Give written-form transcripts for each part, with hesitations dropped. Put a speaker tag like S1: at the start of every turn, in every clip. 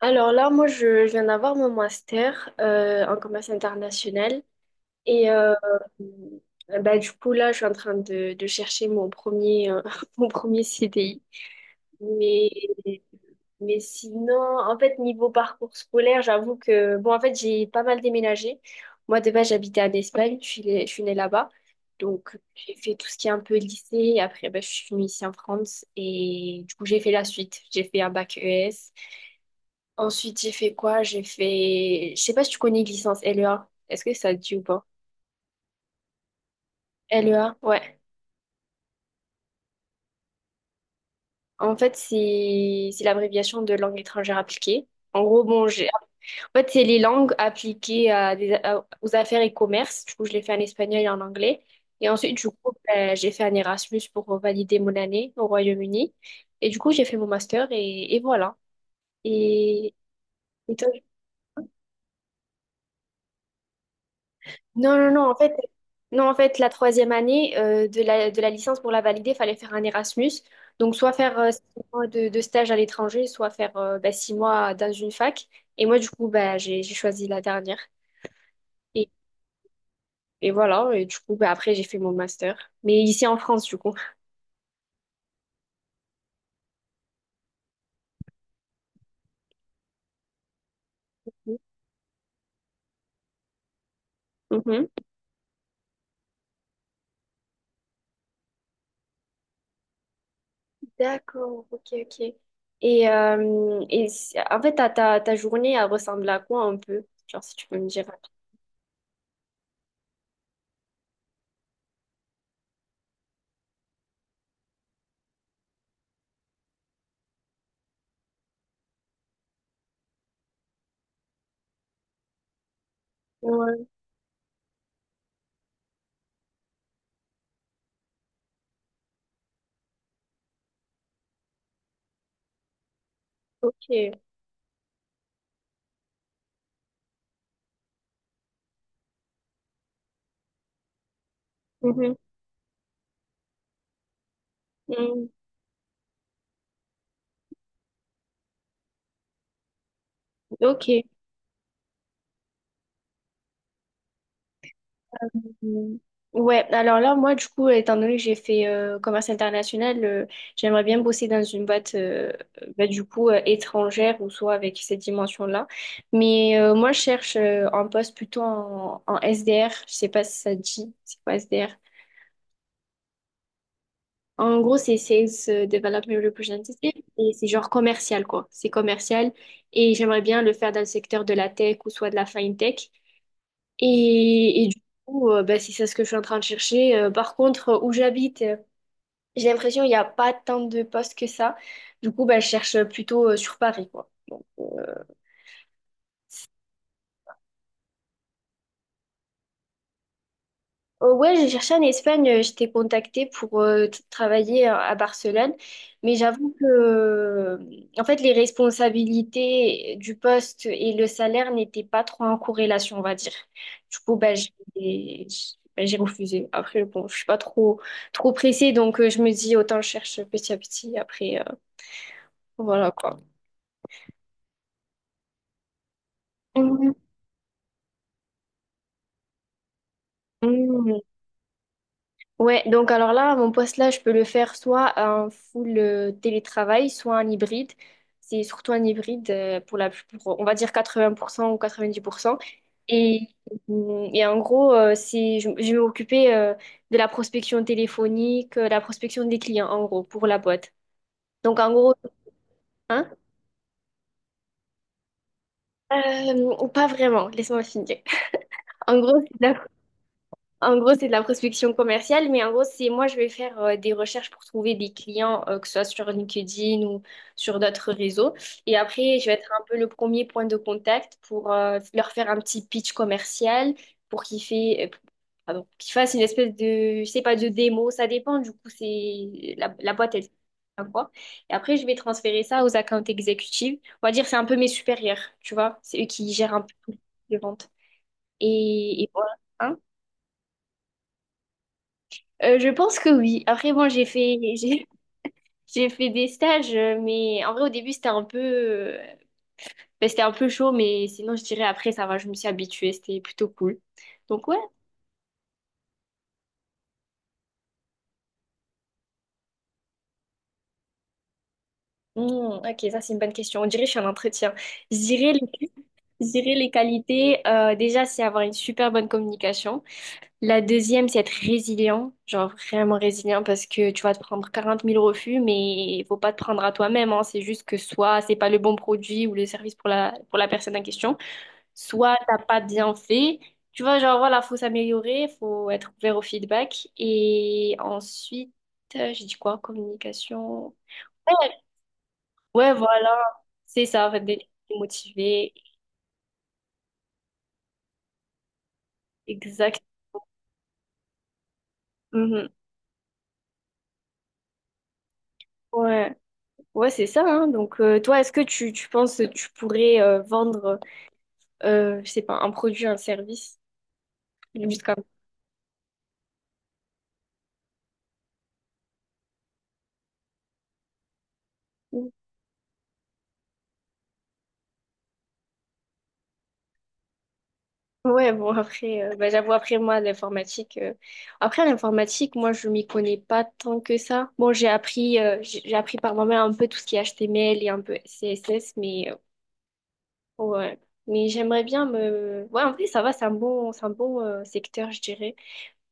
S1: Alors là, moi, je viens d'avoir mon master en commerce international. Et bah, du coup, là, je suis en train de, chercher mon premier CDI. Mais, mais sinon, en fait, niveau parcours scolaire, j'avoue que, bon, en fait, j'ai pas mal déménagé. Moi, de base, j'habitais en Espagne, je suis née là-bas. Donc, j'ai fait tout ce qui est un peu lycée. Et après, bah, je suis venue ici en France. Et du coup, j'ai fait la suite. J'ai fait un bac ES. Ensuite, j'ai fait quoi? Je sais pas si tu connais licence LEA. Est-ce que ça te dit ou pas? LEA, ouais. En fait, c'est l'abréviation de langue étrangère appliquée. En gros, bon, En fait, c'est les langues appliquées aux affaires et commerces. Du coup, je l'ai fait en espagnol et en anglais. Et ensuite, du coup, ben, j'ai fait un Erasmus pour valider mon année au Royaume-Uni. Et du coup, j'ai fait mon master et voilà. Et, et toi? Non, non, non, en fait, non, en fait, la troisième année de la, licence pour la valider, il fallait faire un Erasmus. Donc, soit faire six mois de, stage à l'étranger, soit faire bah, six mois dans une fac. Et moi, du coup, bah, j'ai choisi la dernière. Et, et voilà, et du coup, bah, après, j'ai fait mon master. Mais ici en France, du coup. Mhm. D'accord, ok, ok. En fait, ta journée, elle ressemble à quoi un peu? Genre, si tu peux me dire. Ouais, ok. Mhm. Mhm. Ok. Mm. Ouais, alors là, moi, du coup, étant donné que j'ai fait commerce international, j'aimerais bien bosser dans une boîte, bah, du coup, étrangère ou soit avec cette dimension-là. Mais moi, je cherche un poste plutôt en, SDR. Je sais pas si ça te dit, c'est quoi SDR? En gros, c'est Sales Development Representative et c'est genre commercial, quoi. C'est commercial et j'aimerais bien le faire dans le secteur de la tech ou soit de la fintech. Et du coup, bah, si c'est ça ce que je suis en train de chercher, par contre, où j'habite, j'ai l'impression qu'il n'y a pas tant de postes que ça. Du coup, bah, je cherche plutôt sur Paris, quoi. Donc. Euh, ouais, j'ai cherché en Espagne, j'étais contactée pour travailler à Barcelone, mais j'avoue que en fait les responsabilités du poste et le salaire n'étaient pas trop en corrélation, on va dire. Du coup, bah, j'ai refusé. Après, bon, je suis pas trop trop pressée, donc je me dis autant je cherche petit à petit après voilà quoi. Mhm. Ouais, donc alors là, mon poste là, je peux le faire soit en full télétravail, soit en hybride. C'est surtout un hybride pour pour, on va dire 80% ou 90%. Et, et en gros, je vais m'occuper de la prospection téléphonique, la prospection des clients, en gros, pour la boîte. Donc en gros, hein, pas vraiment, laisse-moi finir. En gros, c'est de la En gros, c'est de la prospection commerciale, mais en gros, c'est moi, je vais faire des recherches pour trouver des clients, que ce soit sur LinkedIn ou sur d'autres réseaux. Et après, je vais être un peu le premier point de contact pour leur faire un petit pitch commercial pour qu'ils fait, pardon, qu'ils fassent une espèce de, je sais pas, de démo. Ça dépend, du coup, c'est la boîte, elle à quoi. Et après, je vais transférer ça aux accounts exécutives. On va dire, c'est un peu mes supérieurs, tu vois. C'est eux qui gèrent un peu les ventes. Et voilà. Hein? Je pense que oui. Après, bon, j'ai fait des stages, mais en vrai, au début, c'était un peu chaud, mais sinon, je dirais après, ça va, je me suis habituée, c'était plutôt cool. Donc, ouais. Hmm, ok, ça, c'est une bonne question. On dirait que je suis en entretien. Je dirais les qualités, déjà, c'est avoir une super bonne communication. La deuxième, c'est être résilient, genre vraiment résilient, parce que tu vas te prendre 40 000 refus, mais il faut pas te prendre à toi-même, hein. C'est juste que soit c'est pas le bon produit ou le service pour la personne en question. Soit t'as pas bien fait. Tu vois, genre voilà, faut s'améliorer, faut être ouvert au feedback. Et ensuite, j'ai dit quoi? Communication. Ouais, ouais, voilà, c'est ça, en fait, d'être motivé. Exact. Mhm. Ouais, ouais, c'est ça, hein. Donc, toi, est-ce que tu penses que tu pourrais vendre, je sais pas, un produit, un service, juste comme... ça? Ouais, bon, après, bah, j'avoue, après, moi, l'informatique, après, l'informatique, moi, je m'y connais pas tant que ça. Bon, j'ai appris par moi-même un peu tout ce qui est HTML et un peu CSS, mais, ouais. Mais j'aimerais bien me, ouais, en vrai, ça va, c'est un bon, secteur, je dirais.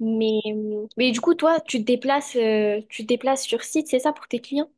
S1: Mais du coup, toi, tu te déplaces sur site, c'est ça, pour tes clients?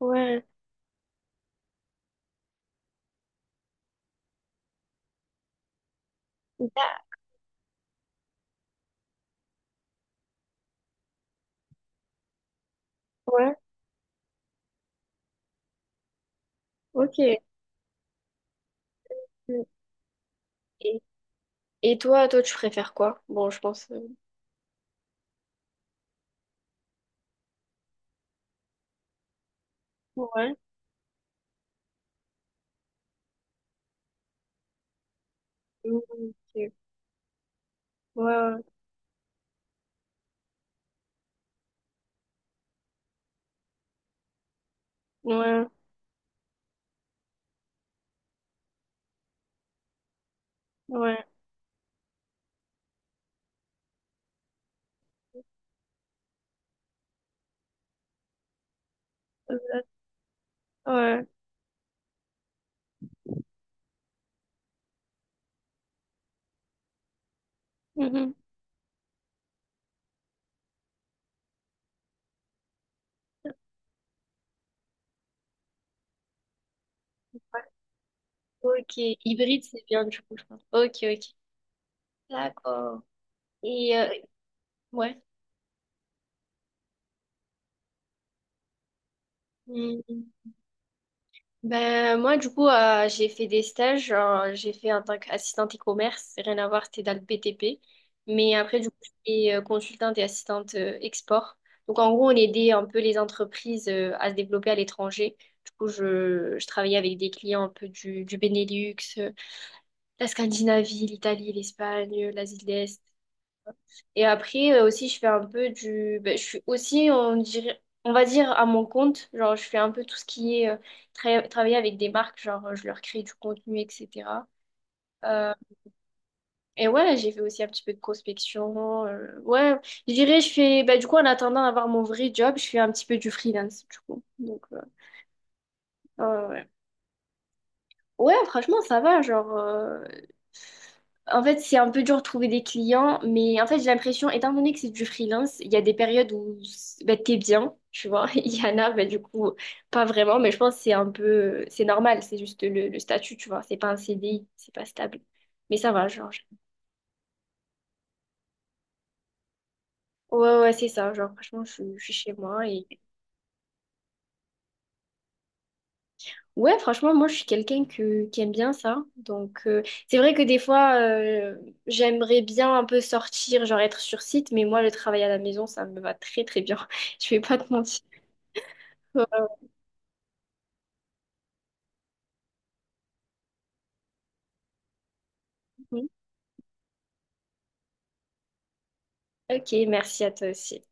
S1: Ouais. Da- Ouais, ok. Mm. Et, et toi, tu préfères quoi? Bon, je pense. Ouais. Mm, ok. Ouais, ouais, ouais, ouais, ouais. Mhm. Ok, hybride, c'est bien du coup, je pense. Ok, ok. D'accord. Et ouais. Hmm. Ben, moi, du coup, j'ai fait des stages. J'ai fait en tant qu'assistante e-commerce. Rien à voir, c'était dans le BTP. Mais après, du coup, j'étais consultante et assistante export. Donc, en gros, on aidait un peu les entreprises à se développer à l'étranger. Du coup, je travaillais avec des clients un peu du Benelux, la Scandinavie, l'Italie, l'Espagne, l'Asie de l'Est. Et après aussi, je fais un peu du... ben, je suis aussi, on dirait, on va dire, à mon compte. Genre, je fais un peu tout ce qui est travailler avec des marques, genre, je leur crée du contenu, etc. Euh, et ouais, j'ai fait aussi un petit peu de prospection. Ouais, je dirais, ben, du coup, en attendant d'avoir mon vrai job, je fais un petit peu du freelance, du coup. Donc, ouais, ouais, ouais. Ouais, franchement, ça va. Genre, en fait, c'est un peu dur de trouver des clients, mais en fait, j'ai l'impression, étant donné que c'est du freelance, il y a des périodes où bah, t'es bien, tu vois. Il y en a, bah, du coup, pas vraiment, mais je pense que c'est un peu, c'est normal, c'est juste le statut, tu vois. C'est pas un CDI, c'est pas stable. Mais ça va, genre. Ouais, ouais, c'est ça. Genre, franchement, je suis chez moi. Ouais, franchement, moi, je suis quelqu'un qui aime bien ça. Donc, c'est vrai que des fois, j'aimerais bien un peu sortir, genre être sur site, mais moi, le travail à la maison, ça me va très, très bien. Je vais pas te mentir. Mhm. Ok, merci à toi aussi.